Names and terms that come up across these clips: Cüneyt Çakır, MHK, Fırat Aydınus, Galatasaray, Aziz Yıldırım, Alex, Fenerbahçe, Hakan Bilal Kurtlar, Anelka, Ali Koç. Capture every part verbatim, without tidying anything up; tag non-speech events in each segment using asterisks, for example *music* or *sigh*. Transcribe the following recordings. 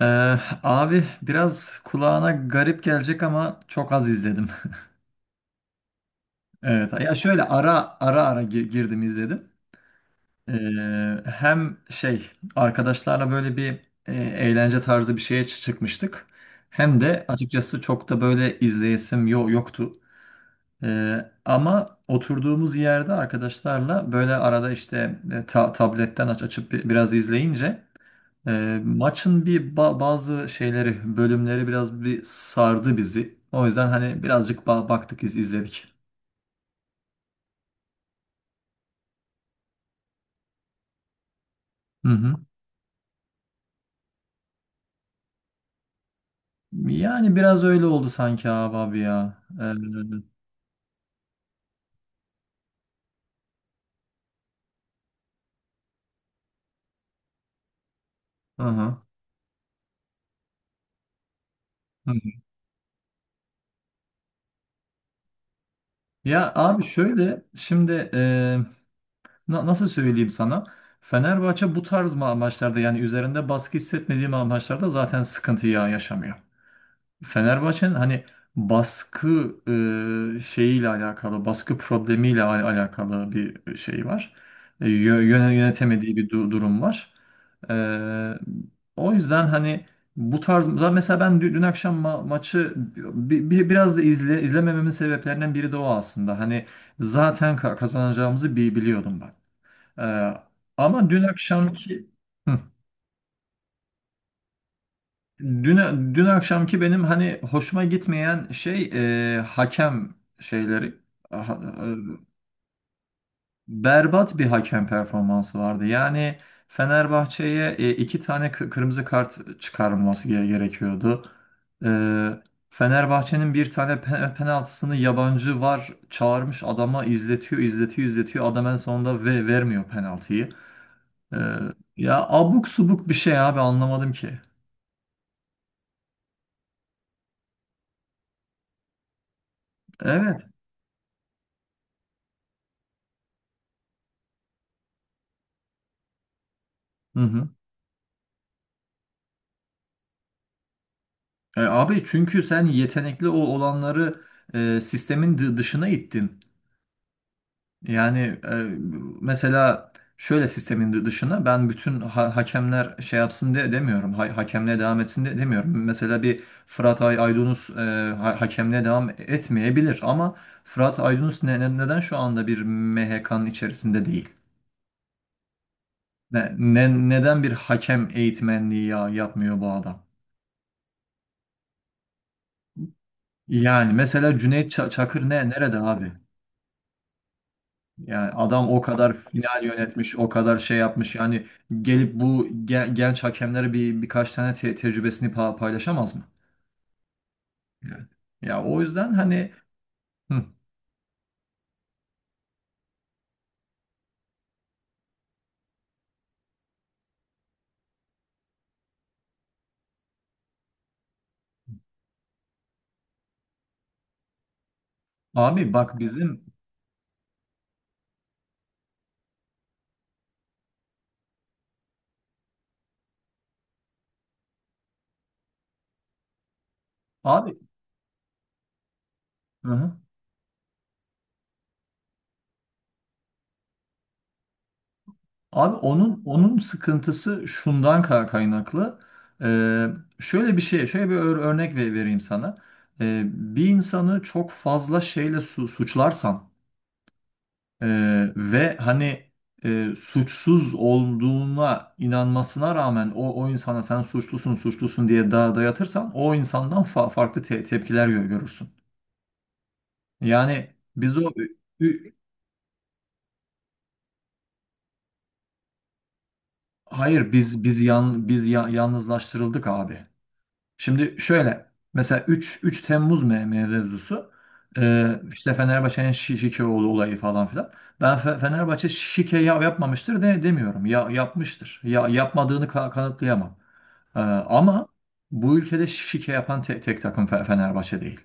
Ee, Abi biraz kulağına garip gelecek ama çok az izledim. *laughs* Evet. Ya şöyle ara ara ara gi- girdim izledim. Ee, hem şey arkadaşlarla böyle bir e, eğlence tarzı bir şeye çı- çıkmıştık. Hem de açıkçası çok da böyle izleyesim yo yoktu. Ee, ama oturduğumuz yerde arkadaşlarla böyle arada işte e, ta- tabletten aç açıp bi- biraz izleyince. Ee, maçın bir ba- bazı şeyleri, bölümleri biraz bir sardı bizi. O yüzden hani birazcık ba- baktık, iz izledik. Hı hı. Yani biraz öyle oldu sanki abi, abi ya. Ee, hı hı. Hı hı. Ya abi şöyle şimdi e, na- nasıl söyleyeyim sana? Fenerbahçe bu tarz ma- maçlarda, yani üzerinde baskı hissetmediğim maçlarda zaten sıkıntı ya yaşamıyor. Fenerbahçe'nin hani baskı e, şeyiyle alakalı, baskı problemiyle al- alakalı bir şey var. E, yö- yöne- yönetemediği bir du- durum var. E, O yüzden hani bu tarz, mesela ben dü- dün akşam ma- maçı bi- bi- biraz da izle izlemememin sebeplerinden biri de o aslında. Hani zaten ka- kazanacağımızı bi- biliyordum ben. E, Ama dün akşamki… *laughs* Dün, dün akşamki benim hani hoşuma gitmeyen şey e, hakem şeyleri… Ha- e, Berbat bir hakem performansı vardı. Yani Fenerbahçe'ye, e, iki tane kı- kırmızı kart çıkarılması gere- gerekiyordu. E, Fenerbahçe'nin bir tane pe- penaltısını yabancı var, çağırmış adama izletiyor izletiyor izletiyor adam, en sonunda ve vermiyor penaltıyı. E, Ya abuk subuk bir şey abi, anlamadım ki. Evet. Hı hı. E, abi çünkü sen yetenekli o olanları, e, sistemin dı- dışına ittin. Yani, e, mesela şöyle sistemin dı- dışına. Ben bütün ha- hakemler şey yapsın de demiyorum. Ha Hakemliğe devam etsin de demiyorum. Mesela bir Fırat Ay Aydınus e, ha- hakemliğe devam etmeyebilir, ama Fırat Aydınus ne ne- neden şu anda bir M H K'nın içerisinde değil? Ne ne- neden bir hakem eğitmenliği ya yapmıyor bu adam? Yani mesela Cüneyt Ça- Çakır ne nerede abi? Yani adam o kadar final yönetmiş, o kadar şey yapmış. Yani gelip bu ge- genç hakemlere bir birkaç tane te- tecrübesini pa- paylaşamaz mı? Yani. Ya o yüzden hani, hı, abi bak bizim abi, hı hı. Abi onun, onun sıkıntısı şundan ka- kaynaklı. Ee, Şöyle bir şey, şöyle bir ör- örnek ve- vereyim sana. Ee, bir insanı çok fazla şeyle su- suçlarsan, Ee, ve hani e, suçsuz olduğuna inanmasına rağmen o o insana sen suçlusun, suçlusun diye daha dayatırsan, o insandan fa- farklı te- tepkiler gö- görürsün. Yani biz o ü- hayır biz biz yan biz ya- yalnızlaştırıldık abi. Şimdi şöyle, mesela üç üç Temmuz me- mevzusu, Ee, işte Fenerbahçe'nin Şi- Şikeoğlu olayı falan filan. Ben Fe- Fenerbahçe şike ya- yapmamıştır de demiyorum. Ya yapmıştır. Ya yapmadığını ka- kanıtlayamam. Ee, ama bu ülkede şike yapan te- tek takım Fe- Fenerbahçe değil.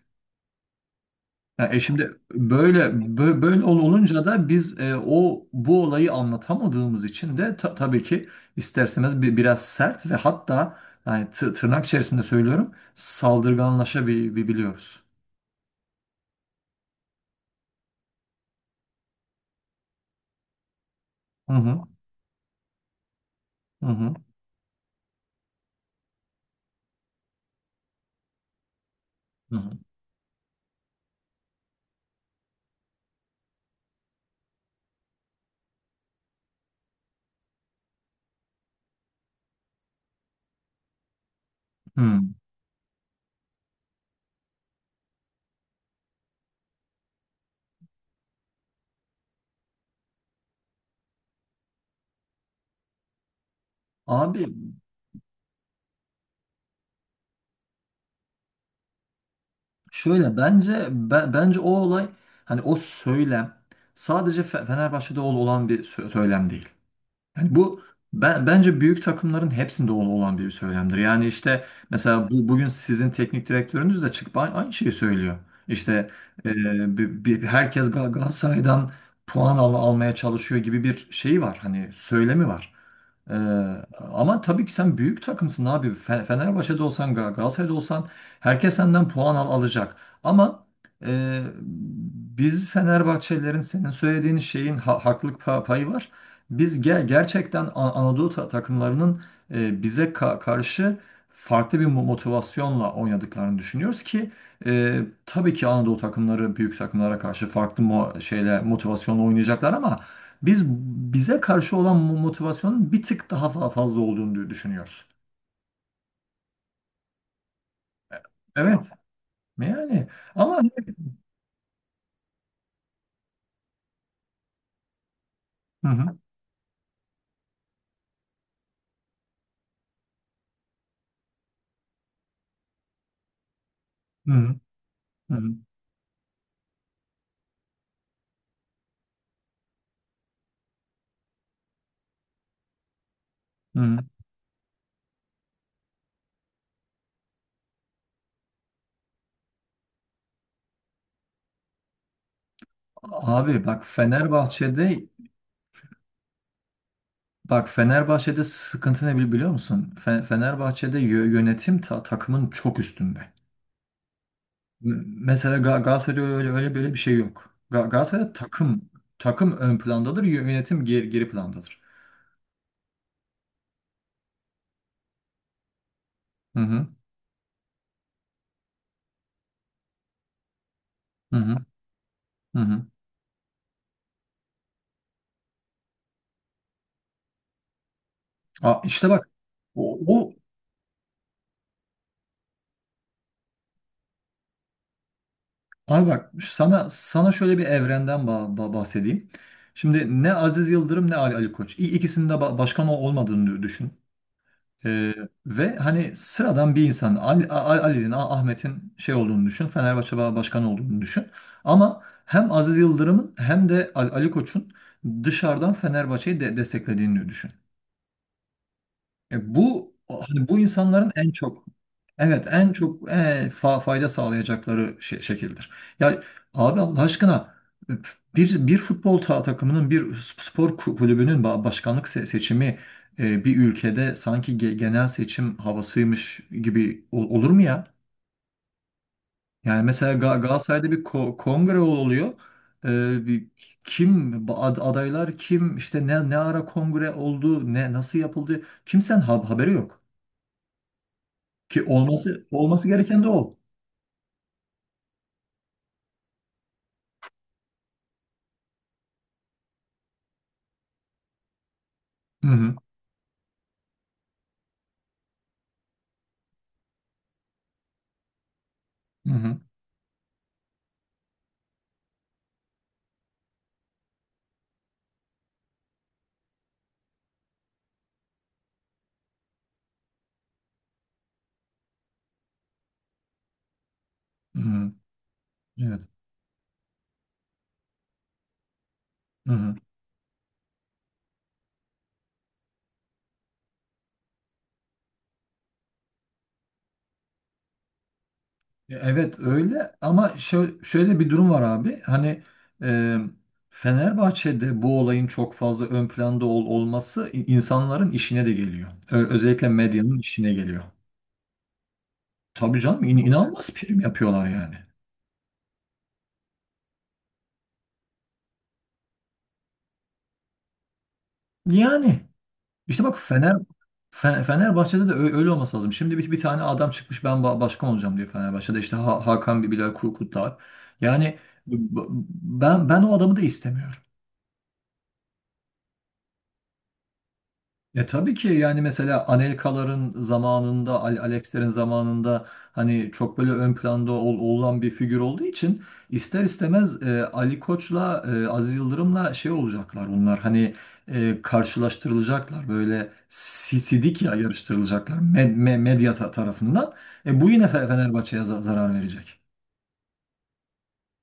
Ya, e şimdi böyle bö- böyle ol- olunca da biz, e, o bu olayı anlatamadığımız için de ta- tabii ki, isterseniz bi- biraz sert ve hatta, yani tı- tırnak içerisinde söylüyorum, saldırganlaşabiliyoruz. Hı hı. Hı hı. Hı hı. Hı. Hmm. Abi şöyle, bence be- bence o olay, hani o söylem sadece Fe- Fenerbahçe'de ol- olan bir sö- söylem değil. Yani bu, ben, bence büyük takımların hepsinde ol- olan bir söylemdir. Yani işte mesela bu, bugün sizin teknik direktörünüz de çıkıp a- aynı şeyi söylüyor. İşte e, bir, bir- herkes Gal- Galatasaray'dan puan al- almaya çalışıyor gibi bir şey var. Hani söylemi var. E, Ama tabii ki sen büyük takımsın abi. Fe- Fenerbahçe'de olsan, Gal- Galatasaray'da olsan, herkes senden puan al alacak. Ama, e, biz Fenerbahçelilerin senin söylediğin şeyin ha- haklılık pa- payı var. Biz ge- gerçekten A- Anadolu ta- takımlarının, e, bize ka- karşı farklı bir mo- motivasyonla oynadıklarını düşünüyoruz ki, e, tabii ki Anadolu takımları büyük takımlara karşı farklı mo şeyle motivasyonla oynayacaklar, ama biz bize karşı olan mo- motivasyonun bir tık daha fa- fazla olduğunu dü- düşünüyoruz. E- Evet. Yani, ama… Hı hı, hı hı, hı hı, hı hı. Abi bak, Fenerbahçe'de… Bak Fenerbahçe'de sıkıntı ne bili- biliyor musun? Fe- Fenerbahçe'de yö- yönetim ta- takımın çok üstünde. M- Mesela Ga- Galatasaray'da öyle öyle böyle bir şey yok. Ga Galatasaray'da takım takım ön plandadır, yö- yönetim geri, geri plandadır. Hı hı. Hı hı. Hı hı. Aa, işte bak, o, o abi bak, sana sana şöyle bir evrenden ba- ba- bahsedeyim. Şimdi ne Aziz Yıldırım ne Ali, Ali Koç. İ- İkisinin de ba- başkan ol- olmadığını dü- düşün. Ee, Ve hani sıradan bir insan Ali- A- A- Ali'nin, A- Ahmet'in şey olduğunu düşün. Fenerbahçe ba- Başkanı olduğunu düşün. Ama hem Aziz Yıldırım'ın hem de Ali Ali Koç'un dışarıdan Fenerbahçe'yi de desteklediğini düşün. E, bu hani bu insanların en çok, evet en çok e, fa- fayda sağlayacakları şey, şekildir. Ya abi, Allah aşkına, bir bir futbol ta- takımının, bir spor ku- kulübünün ba- başkanlık se- seçimi, e, bir ülkede sanki ge- genel seçim havasıymış gibi ol- olur mu ya? Yani mesela Ga- Galatasaray'da bir ko- kongre oluyor. E, bir, Kim ad- adaylar, kim, işte ne ne ara kongre oldu, ne nasıl yapıldı, kimsenin ha- haberi yok. Ki olması olması gereken de o. Hı hı. Hı hı. Hı hı. Evet. Hı hı. Ya evet, öyle, ama şö- şöyle bir durum var abi. Hani, e, Fenerbahçe'de bu olayın çok fazla ön planda ol- olması i- insanların işine de geliyor. Ö- özellikle medyanın işine geliyor. Tabii canım, in- inanılmaz prim yapıyorlar yani. Yani, İşte bak, Fener Fe- Fenerbahçe'de de ö- öyle olması lazım. Şimdi bir, bir tane adam çıkmış, ben ba- başkan olacağım diyor Fenerbahçe'de. İşte Ha- Hakan Bilal Kurtlar. Yani b- ben ben o adamı da istemiyorum. E tabii ki, yani mesela Anelka'ların zamanında, Al Alex'lerin zamanında hani çok böyle ön planda ol- olan bir figür olduğu için, ister istemez, e, Ali Koç'la, e, Aziz Yıldırım'la şey olacaklar onlar, hani e, karşılaştırılacaklar, böyle sisidik ya yarıştırılacaklar med- me- medya ta- tarafından. E, bu yine Fe- Fenerbahçe'ye za- zarar verecek.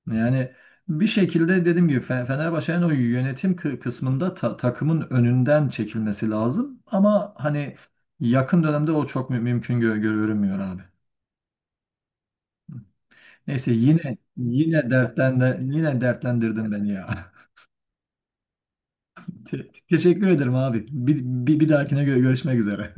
Yani bir şekilde, dediğim gibi, Fe- Fenerbahçe'nin o yönetim kı- kısmında ta- takımın önünden çekilmesi lazım. Ama hani yakın dönemde o çok mü- mümkün gö görünmüyor abi. Neyse, yine yine dertlende yine dertlendirdin beni ya. *laughs* Te- teşekkür ederim abi. Bir, bir, bir dahakine gö- görüşmek üzere.